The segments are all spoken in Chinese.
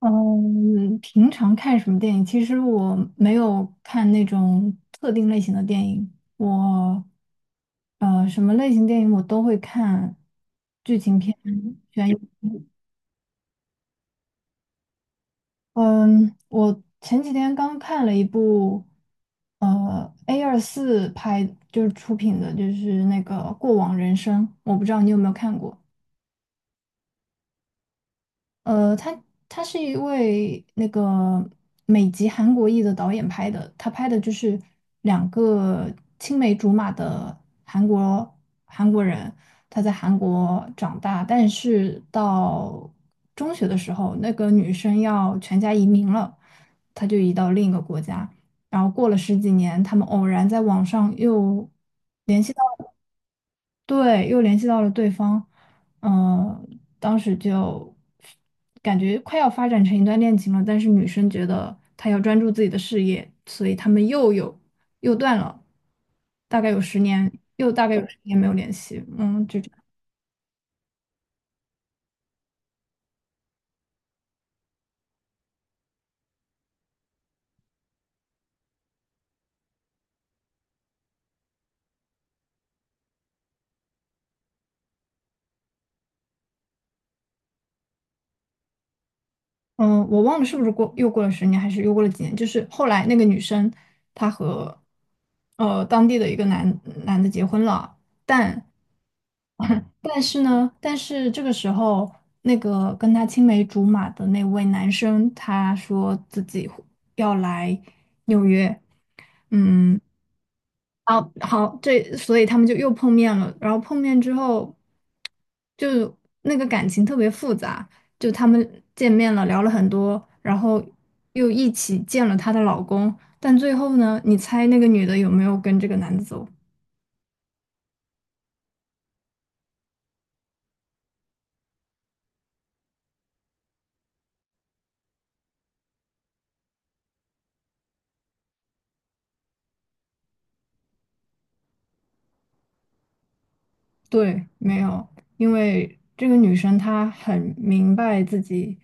嗯，平常看什么电影？其实我没有看那种特定类型的电影，我什么类型电影我都会看，剧情片、悬疑片。嗯，我前几天刚看了一部A24拍就是出品的，就是那个《过往人生》，我不知道你有没有看过。呃，他他是一位那个美籍韩国裔的导演拍的，他拍的就是两个青梅竹马的韩国韩国人，他在韩国长大，但是到中学的时候，那个女生要全家移民了，他就移到另一个国家，然后过了十几年，他们偶然在网上又对，又联系到了对方，嗯、当时就感觉快要发展成一段恋情了，但是女生觉得她要专注自己的事业，所以他们又断了，大概有十年，又大概有十年没有联系，就这样。嗯，我忘了是不是又过了十年，还是又过了几年，就是后来那个女生她和当地的一个男的结婚了。但但是呢，但是这个时候，那个跟他青梅竹马的那位男生，他说自己要来纽约，嗯，好好，所以他们就又碰面了。然后碰面之后，就那个感情特别复杂，就他们见面了，聊了很多，然后又一起见了她的老公。但最后呢，你猜那个女的有没有跟这个男的走？对，没有，因为这个女生她很明白自己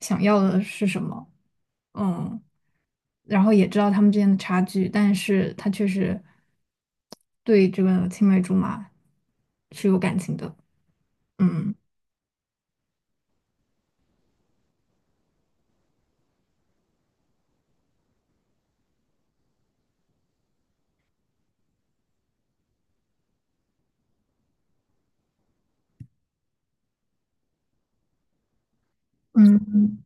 想要的是什么，嗯，然后也知道他们之间的差距，但是她确实对这个青梅竹马是有感情的，嗯，嗯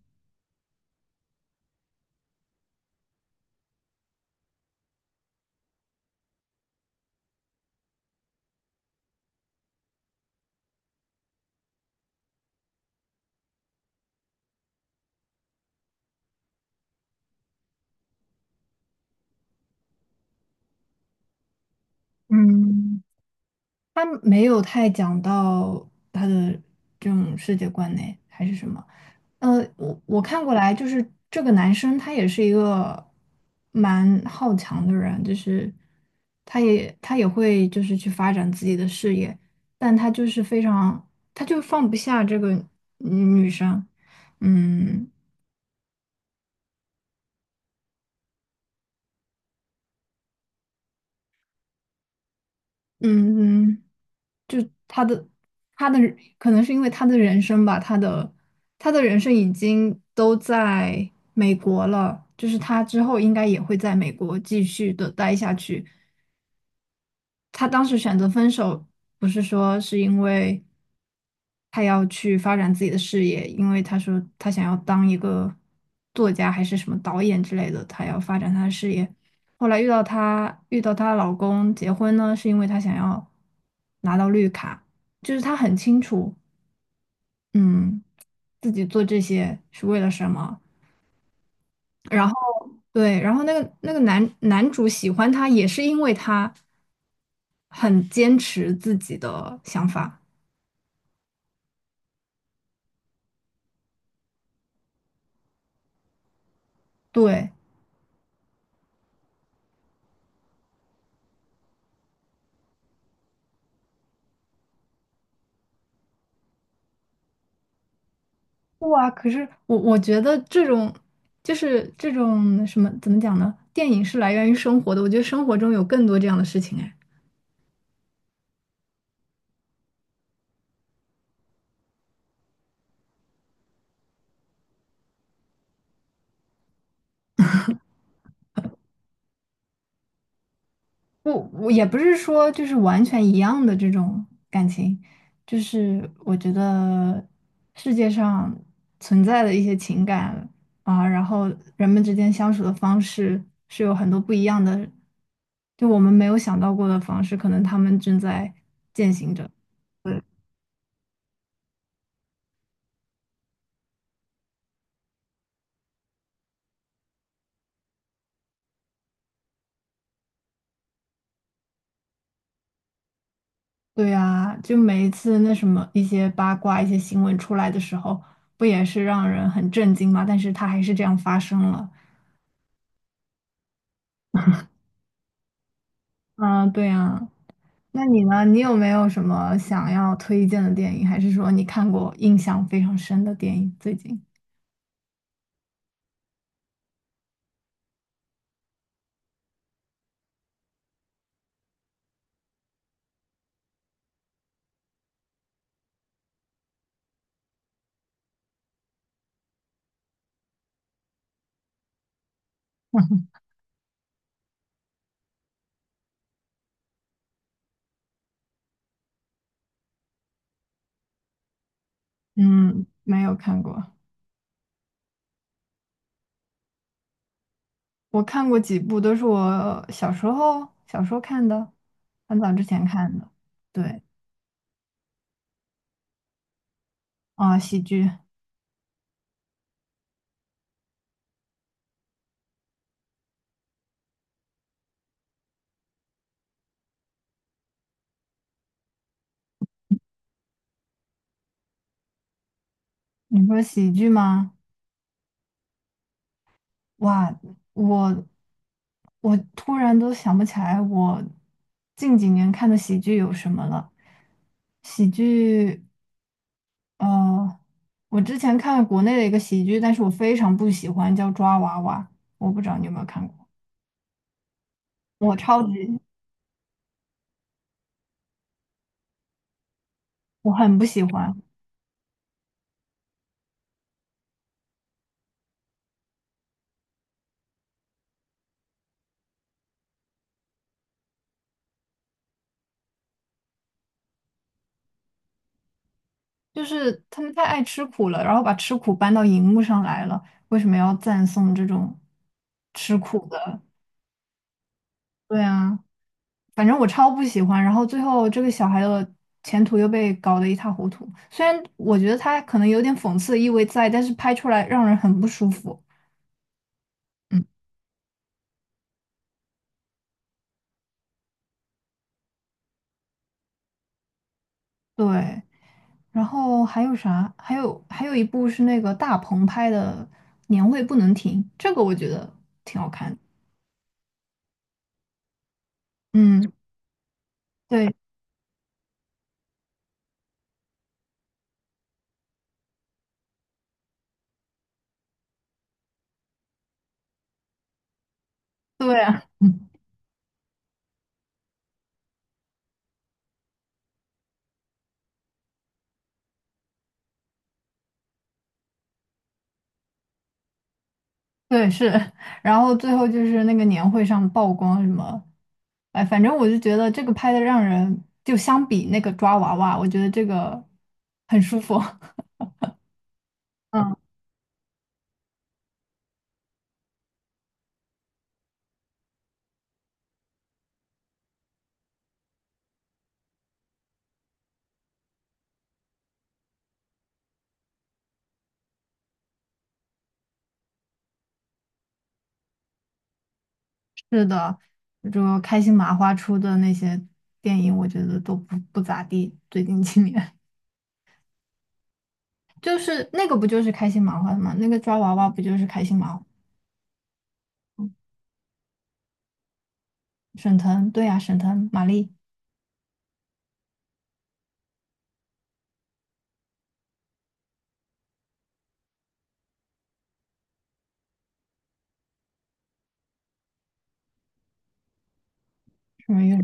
嗯，她没有太讲到她的这种世界观呢，还是什么。我看过来，就是这个男生他也是一个蛮好强的人，就是他也会就是去发展自己的事业，但他就是非常，他就放不下这个女生，嗯嗯嗯，就他的他的可能是因为他的人生吧，他的人生已经都在美国了，就是他之后应该也会在美国继续的待下去。他当时选择分手，不是说是因为他要去发展自己的事业，因为他说他想要当一个作家还是什么导演之类的，他要发展他的事业。后来遇到她老公结婚呢，是因为她想要拿到绿卡，就是她很清楚，嗯，自己做这些是为了什么。然后。对，然后那个男主喜欢她，也是因为她很坚持自己的想法。对，哇，可是我觉得这种就是这种什么怎么讲呢？电影是来源于生活的，我觉得生活中有更多这样的事情哎。我也不是说就是完全一样的这种感情，就是我觉得世界上存在的一些情感啊，然后人们之间相处的方式是有很多不一样的，就我们没有想到过的方式，可能他们正在践行着。对啊，就每一次那什么一些八卦、一些新闻出来的时候，不也是让人很震惊吗？但是它还是这样发生了。嗯，对呀，那你呢？你有没有什么想要推荐的电影，还是说你看过印象非常深的电影？最近，嗯，没有看过。我看过几部，都是我小时候看的，很早之前看的。对，啊，喜剧，你说喜剧吗？哇，我我突然都想不起来我近几年看的喜剧有什么了。喜剧，呃，我之前看国内的一个喜剧，但是我非常不喜欢，叫《抓娃娃》，我不知道你有没有看过。我超级，我很不喜欢，就是他们太爱吃苦了，然后把吃苦搬到荧幕上来了，为什么要赞颂这种吃苦的？对啊，反正我超不喜欢。然后最后这个小孩的前途又被搞得一塌糊涂，虽然我觉得他可能有点讽刺意味在，但是拍出来让人很不舒服。嗯，对。然后还有啥？还有一部是那个大鹏拍的《年会不能停》，这个我觉得挺好看的。嗯，对对啊，嗯，对是。然后最后就是那个年会上曝光什么，哎，反正我就觉得这个拍的让人就相比那个抓娃娃，我觉得这个很舒服。嗯，是的，就开心麻花出的那些电影，我觉得都不咋地，最近几年。就是那个不就是开心麻花的吗？那个抓娃娃不就是开心麻沈腾？对呀、沈腾、马丽、什么月，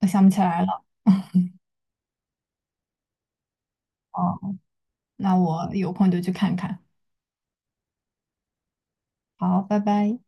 我想不起来了。哦，那我有空就去看看。好，拜拜。